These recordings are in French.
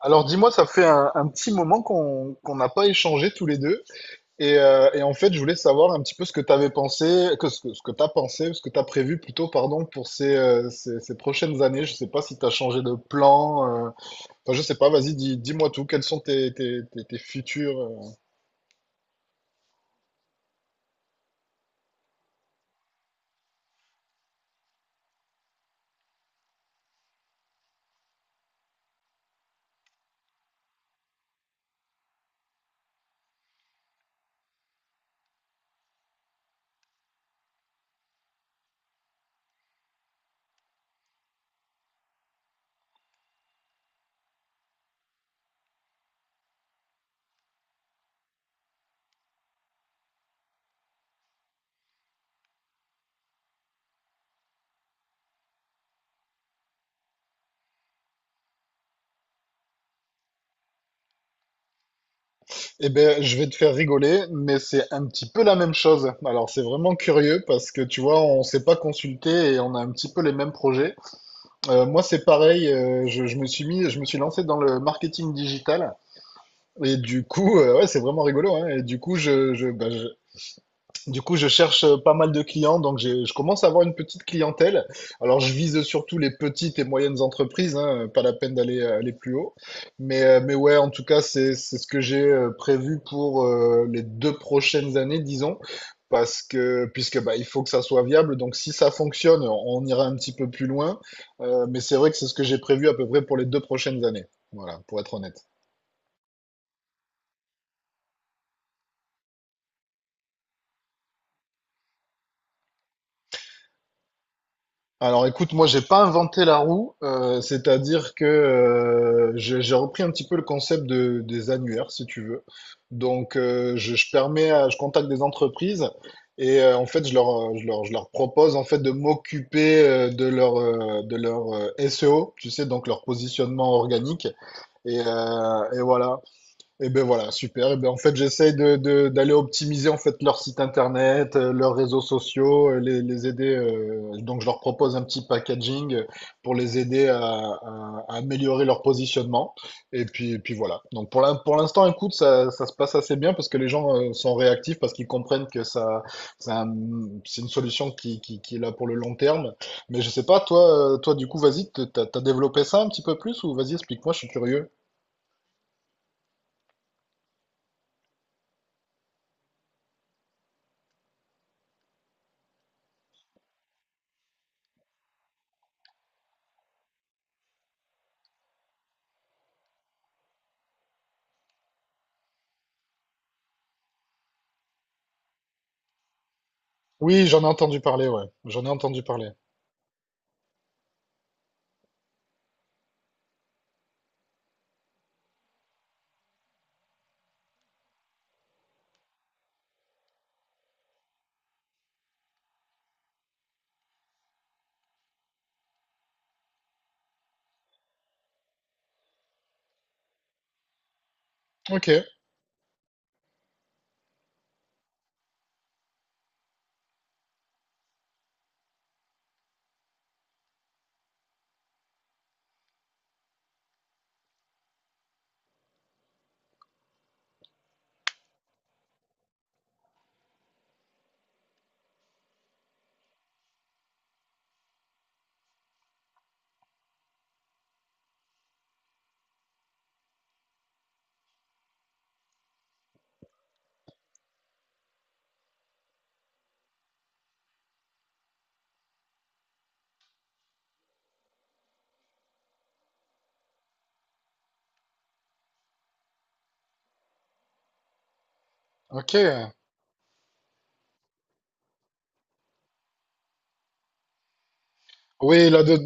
Alors dis-moi, ça fait un petit moment qu'on n'a pas échangé tous les deux. Et en fait, je voulais savoir un petit peu ce que tu avais pensé, que ce que, ce que tu as pensé, ce que tu as prévu pour ces prochaines années. Je sais pas si tu as changé de plan. Enfin, je sais pas, vas-y, dis-moi tout. Quels sont tes futurs... Eh ben, je vais te faire rigoler, mais c'est un petit peu la même chose. Alors, c'est vraiment curieux parce que, tu vois, on s'est pas consulté et on a un petit peu les mêmes projets. Moi, c'est pareil. Je me suis je me suis lancé dans le marketing digital. Et du coup, ouais, c'est vraiment rigolo, hein. Et du coup, du coup, je cherche pas mal de clients, donc je commence à avoir une petite clientèle. Alors, je vise surtout les petites et moyennes entreprises, hein, pas la peine d'aller aller plus haut. Mais ouais, en tout cas, c'est ce que j'ai prévu pour les deux prochaines années, disons, parce que puisque bah, il faut que ça soit viable. Donc, si ça fonctionne, on ira un petit peu plus loin. Mais c'est vrai que c'est ce que j'ai prévu à peu près pour les deux prochaines années. Voilà, pour être honnête. Alors écoute, moi j'ai pas inventé la roue, c'est-à-dire que j'ai repris un petit peu le concept des annuaires, si tu veux. Donc je permets, je contacte des entreprises et en fait je leur, je leur, je leur propose en fait de m'occuper de leur SEO, tu sais, donc leur positionnement organique. Et voilà. Et ben voilà, super. Et ben en fait, j'essaie d'aller optimiser en fait leur site internet, leurs réseaux sociaux, les aider. Donc, je leur propose un petit packaging pour les aider à améliorer leur positionnement. Et puis voilà. Donc pour pour l'instant, écoute, ça se passe assez bien parce que les gens sont réactifs parce qu'ils comprennent que c'est un- c'est une solution qui est là pour le long terme. Mais je sais pas, toi, toi du coup, vas-y, t'as développé ça un petit peu plus ou vas-y, explique-moi, je suis curieux. Oui, j'en ai entendu parler, ouais. J'en ai entendu parler. Ok, ok. Oui, là, de...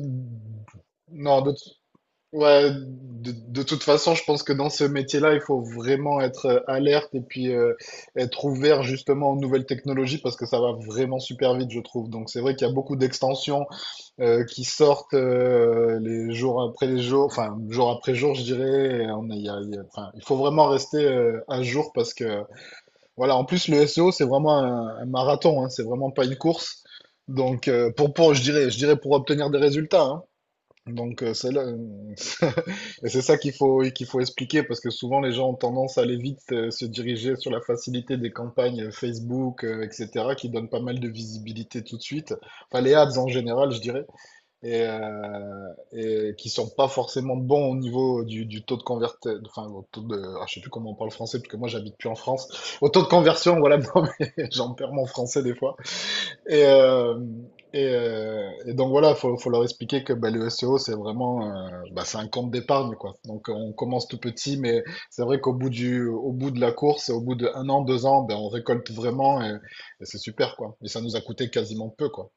Non, de... Ouais, de toute façon, je pense que dans ce métier-là, il faut vraiment être alerte et puis être ouvert justement aux nouvelles technologies parce que ça va vraiment super vite, je trouve. Donc c'est vrai qu'il y a beaucoup d'extensions qui sortent les jours après les jours, enfin jour après jour, je dirais. Et On a- il y a- il y a- enfin, il faut vraiment rester à jour parce que voilà, en plus, le SEO, c'est vraiment un marathon, hein, c'est vraiment pas une course. Donc, je dirais pour obtenir des résultats, hein. Donc, c'est là. Et c'est ça qu'il faut expliquer parce que souvent les gens ont tendance à aller vite se diriger sur la facilité des campagnes Facebook, etc., qui donnent pas mal de visibilité tout de suite. Enfin, les ads en général, je dirais et qui sont pas forcément bons au niveau du taux de conversion, enfin au taux ah, je sais plus comment on parle français parce que moi j'habite plus en France, au taux de conversion, voilà, non, mais j'en perds mon français des fois. Et, euh, et donc voilà, faut leur expliquer que bah, le SEO c'est vraiment, c'est un compte d'épargne quoi. Donc on commence tout petit, mais c'est vrai qu'au bout au bout de la course, au bout de un an, deux ans, ben on récolte vraiment et c'est super quoi. Et ça nous a coûté quasiment peu quoi.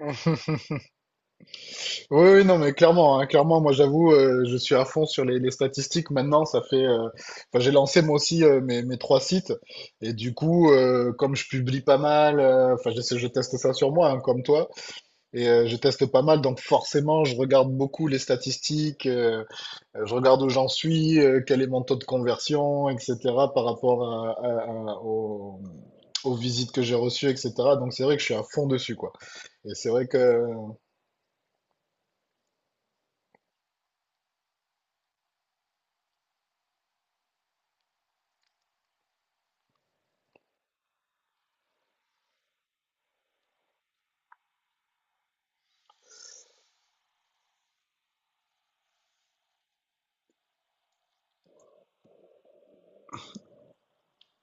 Oui, oui, non, mais clairement, hein, clairement, moi j'avoue, je suis à fond sur les statistiques maintenant. Ça fait, enfin, j'ai lancé moi aussi mes trois sites, et du coup, comme je publie pas mal, enfin, je teste ça sur moi, hein, comme toi, et je teste pas mal, donc forcément, je regarde beaucoup les statistiques, je regarde où j'en suis, quel est mon taux de conversion, etc., par rapport à, à- à- aux, aux visites que j'ai reçues, etc. Donc c'est vrai que je suis à fond dessus, quoi. Et c'est vrai que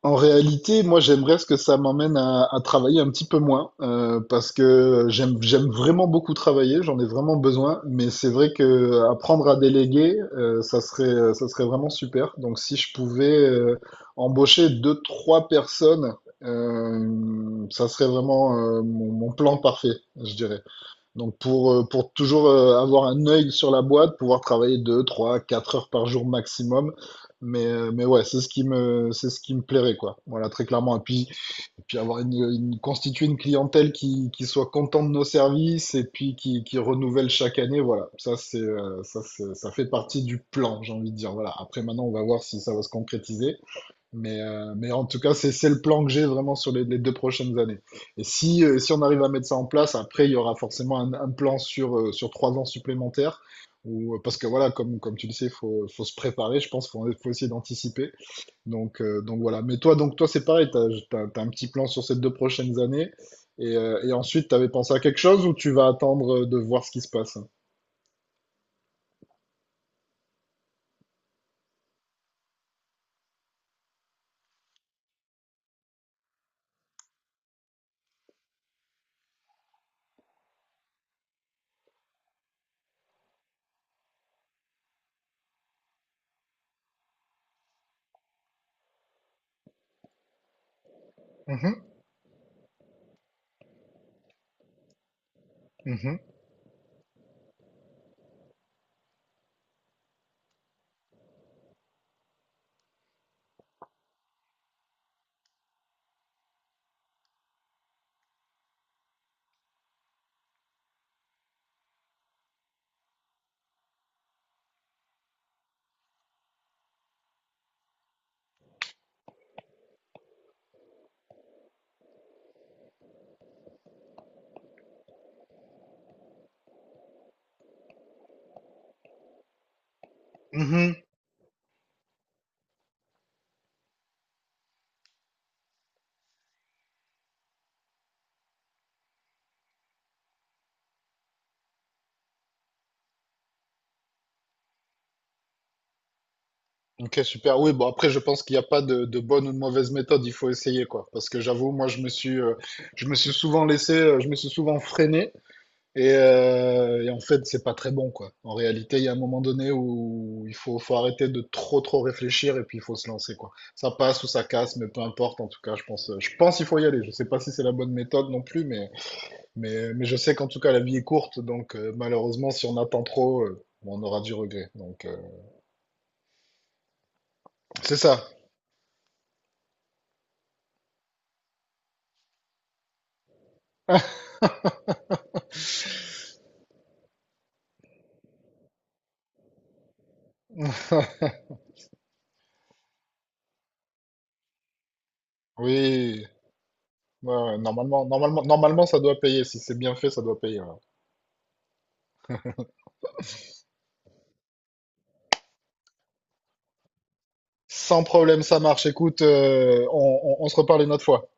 en réalité, moi, j'aimerais ce que ça m'emmène à travailler un petit peu moins, parce que j'aime vraiment beaucoup travailler, j'en ai vraiment besoin, mais c'est vrai que apprendre à déléguer, ça serait vraiment super. Donc, si je pouvais embaucher deux, trois personnes, ça serait vraiment mon plan parfait, je dirais. Donc pour toujours avoir un œil sur la boîte, pouvoir travailler 2, 3, 4 heures par jour maximum. Mais ouais, c'est ce qui me plairait, quoi. Voilà, très clairement. Et puis avoir constituer une clientèle qui soit contente de nos services et puis qui renouvelle chaque année. Voilà, ça, ça fait partie du plan, j'ai envie de dire. Voilà, après, maintenant, on va voir si ça va se concrétiser. Mais en tout cas, c'est le plan que j'ai vraiment sur les deux prochaines années. Et si, si on arrive à mettre ça en place, après, il y aura forcément un plan sur, sur trois ans supplémentaires. Ou, parce que voilà, comme tu le sais, faut se préparer, je pense, faut essayer d'anticiper. Donc voilà. Mais toi, donc toi, c'est pareil, t'as un petit plan sur ces deux prochaines années. Et ensuite, t'avais pensé à quelque chose ou tu vas attendre de voir ce qui se passe? Mhm, mhm, mhm. Ok, super. Oui, bon, après, je pense qu'il n'y a pas de bonne ou de mauvaise méthode. Il faut essayer, quoi. Parce que j'avoue, moi, je me suis souvent laissé, je me suis souvent freiné. Et en fait, c'est pas très bon, quoi. En réalité, il y a un moment donné où faut arrêter de trop réfléchir et puis il faut se lancer, quoi. Ça passe ou ça casse, mais peu importe. En tout cas, je pense qu'il faut y aller. Je sais pas si c'est la bonne méthode non plus, mais je sais qu'en tout cas, la vie est courte. Donc, malheureusement, si on attend trop, on aura du regret. Donc, c'est ça. Oui. Ouais, ouais, normalement, ça doit payer. Si c'est bien fait, ça doit payer, ouais. Sans problème, ça marche. Écoute, on se reparle une autre fois.